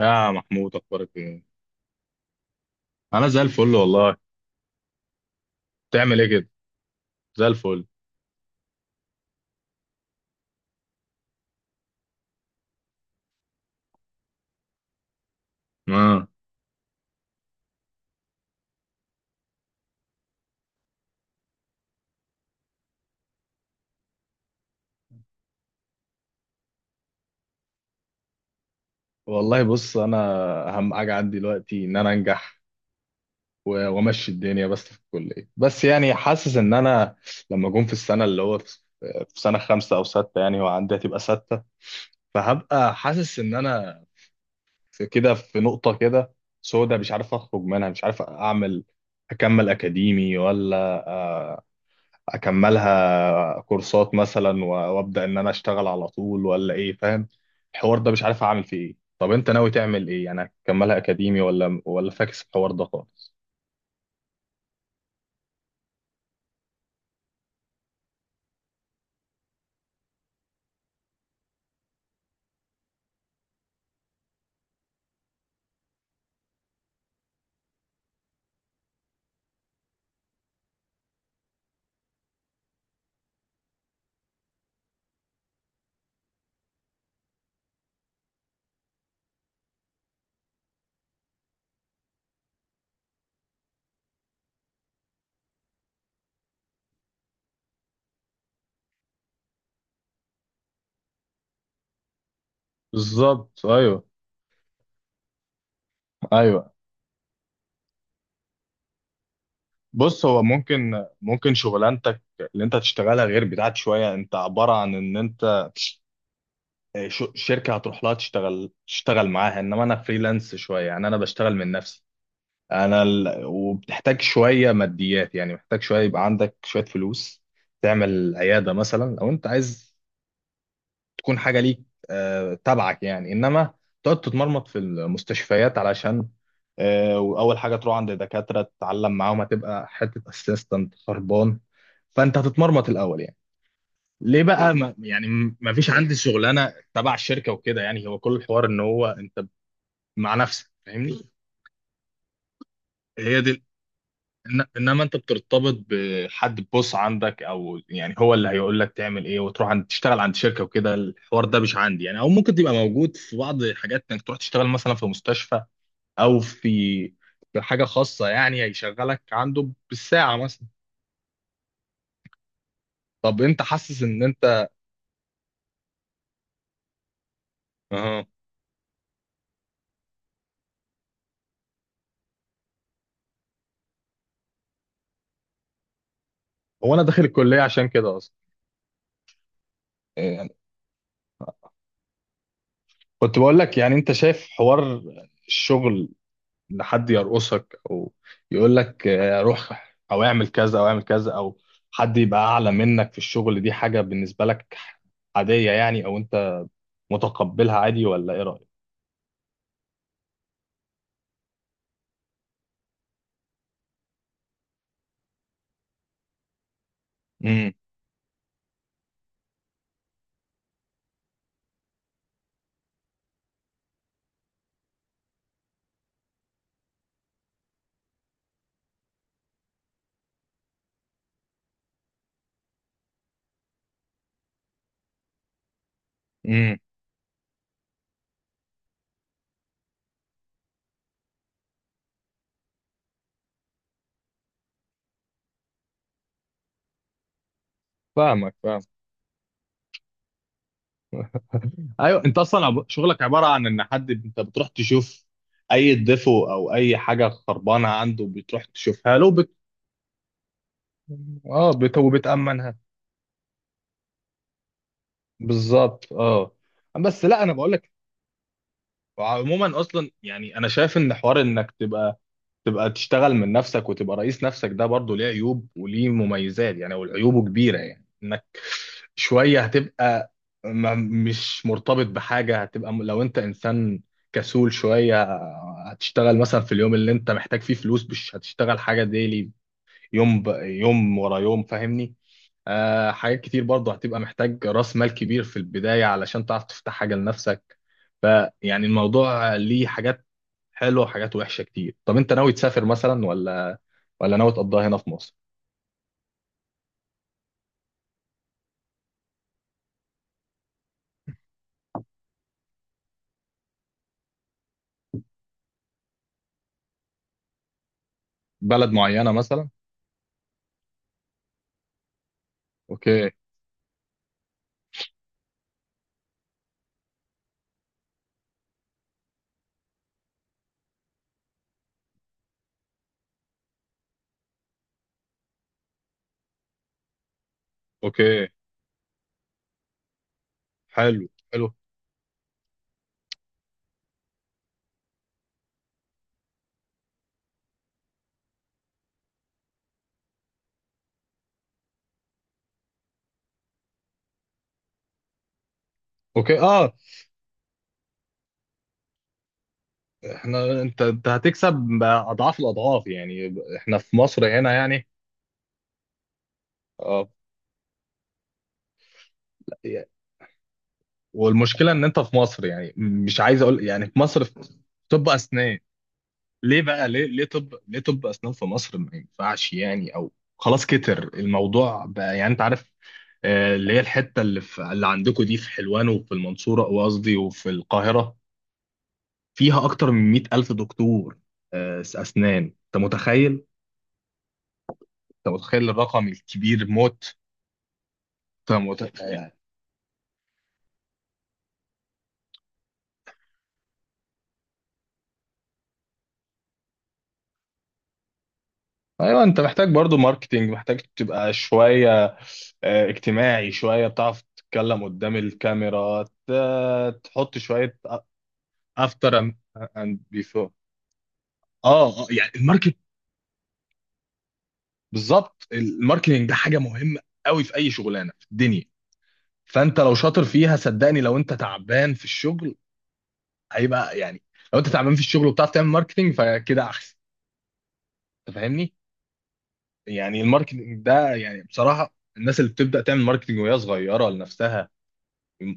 يا محمود، اخبارك ايه؟ انا زي الفل والله. بتعمل ايه كده؟ زي الفل. اه والله. بص، انا اهم حاجه عندي دلوقتي ان انا انجح و- وامشي الدنيا بس في الكليه. بس يعني حاسس ان انا لما اكون في السنه اللي هو في، في سنه خمسه او سته يعني، وعندي هتبقى سته، فهبقى حاسس ان انا في كده، في نقطه كده سودا، مش عارف اخرج منها، مش عارف اعمل، اكمل اكاديمي ولا آه، اكملها كورسات مثلا، وابدا ان انا اشتغل على طول ولا ايه؟ فاهم الحوار ده، مش عارف اعمل فيه ايه. طب انت ناوي تعمل ايه يعني؟ هتكملها اكاديمي ولا فاكس الحوار ده خالص؟ بالظبط، ايوه، ايوه. بص، هو ممكن شغلانتك اللي انت هتشتغلها غير بتاعت شويه. انت عباره عن ان انت شركه هتروح لها تشتغل معاها، انما انا فريلانس شويه، يعني انا بشتغل من نفسي. وبتحتاج شويه ماديات، يعني محتاج شويه يبقى عندك شويه فلوس تعمل عياده مثلا لو انت عايز تكون حاجه ليك تبعك يعني. انما تقعد تتمرمط في المستشفيات علشان واول حاجه تروح عند دكاتره تتعلم معاهم، هتبقى حته اسيستنت خربان، فانت هتتمرمط الاول يعني. ليه بقى؟ ما يعني ما فيش عندي شغلانه تبع الشركه وكده، يعني هو كل الحوار ان هو انت مع نفسك، فاهمني؟ هي دي. انما انت بترتبط بحد بوس عندك، او يعني هو اللي هيقول لك تعمل ايه، وتروح عند تشتغل عند شركه وكده، الحوار ده مش عندي يعني. او ممكن تبقى موجود في بعض حاجات انك تروح تشتغل مثلا في مستشفى، او في حاجه خاصه يعني هيشغلك عنده بالساعه مثلا. طب انت حاسس ان انت؟ أه. هو انا داخل الكليه عشان كده اصلا، يعني كنت بقول لك يعني انت شايف حوار الشغل ان حد يرقصك او يقول لك روح، او اعمل كذا او اعمل كذا، او حد يبقى اعلى منك في الشغل، دي حاجه بالنسبه لك عاديه يعني، او انت متقبلها عادي؟ ولا ايه رايك؟ امم. امم. فاهمك، فاهم. ايوه، انت اصلا شغلك عباره عن ان حد انت بتروح تشوف اي ديفو او اي حاجه خربانه عنده، بتروح تشوفها له. اه. وبتامنها. بالظبط، اه. بس لا، انا بقول لك عموما، اصلا يعني انا شايف ان حوار انك تبقى تشتغل من نفسك وتبقى رئيس نفسك، ده برضه ليه عيوب وليه مميزات يعني. والعيوبه كبيرة، يعني انك شوية هتبقى ما مش مرتبط بحاجة، هتبقى لو انت انسان كسول شوية، هتشتغل مثلا في اليوم اللي انت محتاج فيه فلوس، مش هتشتغل حاجة ديلي، يوم ورا يوم، فاهمني؟ حاجات كتير برضه هتبقى محتاج راس مال كبير في البداية علشان تعرف تفتح حاجة لنفسك. فيعني الموضوع ليه حاجات حلوة وحاجات وحشة كتير. طب انت ناوي تسافر مثلا ولا ناوي تقضيها هنا في مصر؟ بلد معينة مثلا؟ اوكي. اوكي، حلو، حلو. اوكي، اه. احنا، انت هتكسب اضعاف الاضعاف، يعني احنا في مصر هنا يعني. اه، والمشكله ان انت في مصر يعني مش عايز اقول، يعني في مصر في طب اسنان. ليه بقى؟ ليه طب ليه طب اسنان في مصر ما ينفعش يعني؟ او خلاص كتر الموضوع بقى يعني، انت عارف اللي هي الحته اللي في اللي عندكم دي، في حلوان وفي المنصوره، وقصدي وفي القاهره، فيها اكتر من 100 الف دكتور اسنان، انت متخيل؟ انت متخيل الرقم الكبير موت؟ انت متخيل؟ ايوه، انت محتاج برضو ماركتينج، محتاج تبقى شويه اجتماعي شويه، بتعرف تتكلم قدام الكاميرا، تحط شويه افتر اند بيفور. اه، يعني الماركت. بالظبط، الماركتينج ده حاجه مهمه قوي في اي شغلانه في الدنيا. فانت لو شاطر فيها صدقني، لو انت تعبان في الشغل هيبقى يعني، لو انت تعبان في الشغل وبتعرف تعمل ماركتينج فكده احسن، انت فاهمني؟ يعني الماركتينج ده يعني بصراحه الناس اللي بتبدا تعمل ماركتينج وهي صغيره لنفسها،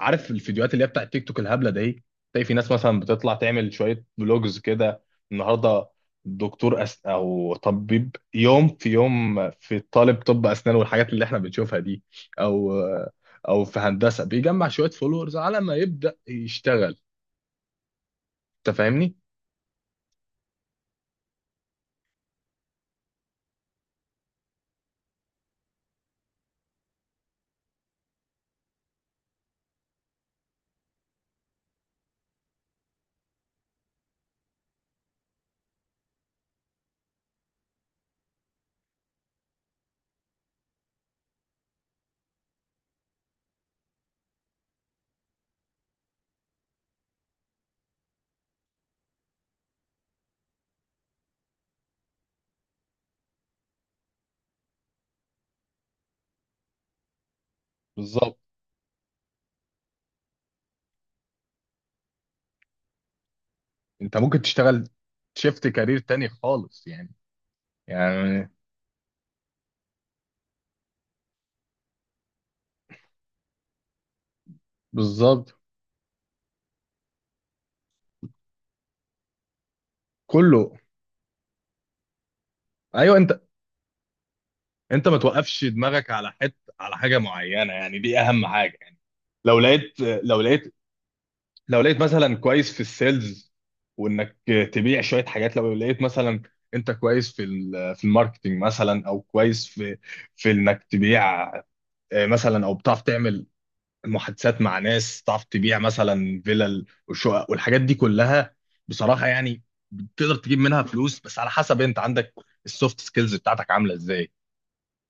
عارف الفيديوهات اللي هي بتاعت تيك توك الهبله دي؟ تلاقي في ناس مثلا بتطلع تعمل شويه فلوجز كده النهارده، دكتور او طبيب، يوم في يوم، في طالب طب اسنان، والحاجات اللي احنا بنشوفها دي، او في هندسه بيجمع شويه فولورز على ما يبدا يشتغل، انت فاهمني؟ بالظبط. انت ممكن تشتغل شيفت كارير تاني خالص يعني بالظبط. كله. ايوه، انت ما توقفش دماغك على على حاجه معينه يعني، دي اهم حاجه يعني. لو لقيت لو لقيت لو لقيت مثلا كويس في السيلز، وانك تبيع شويه حاجات. لو لقيت مثلا انت كويس في في الماركتنج مثلا، او كويس في انك تبيع مثلا، او بتعرف تعمل محادثات مع ناس، تعرف تبيع مثلا فيلل وشقق والحاجات دي كلها، بصراحه يعني تقدر تجيب منها فلوس، بس على حسب انت عندك السوفت سكيلز بتاعتك عامله ازاي.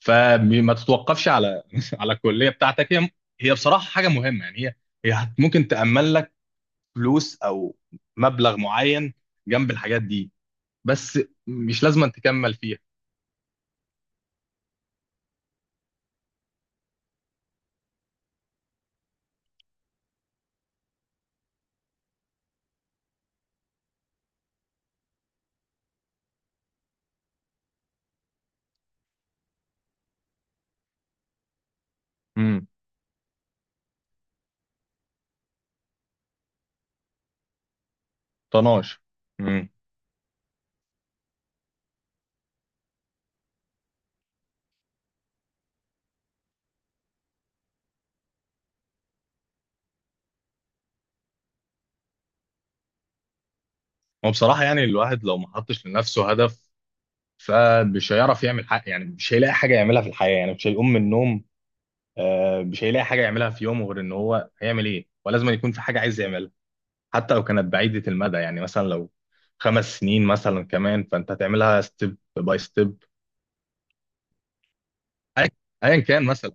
فما تتوقفش على على الكليه بتاعتك، هي بصراحه حاجه مهمه يعني، ممكن تامن لك فلوس او مبلغ معين جنب الحاجات دي، بس مش لازم تكمل فيها. امم. طناش. امم. هو بصراحه يعني الواحد لو ما حطش لنفسه هدف فمش هيعرف يعمل حاجه، يعني مش هيلاقي حاجه يعملها في الحياه، يعني مش هيقوم من النوم. مش هيلاقي حاجه يعملها في يومه، غير ان هو هيعمل ايه، ولازم يكون في حاجه عايز يعملها، حتى لو كانت بعيدة المدى. يعني مثلا لو 5 سنين مثلا كمان، فانت هتعملها ستيب باي ستيب. ايا أياً كان مثلا.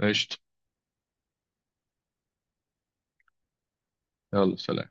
قشطة. يلا، سلام.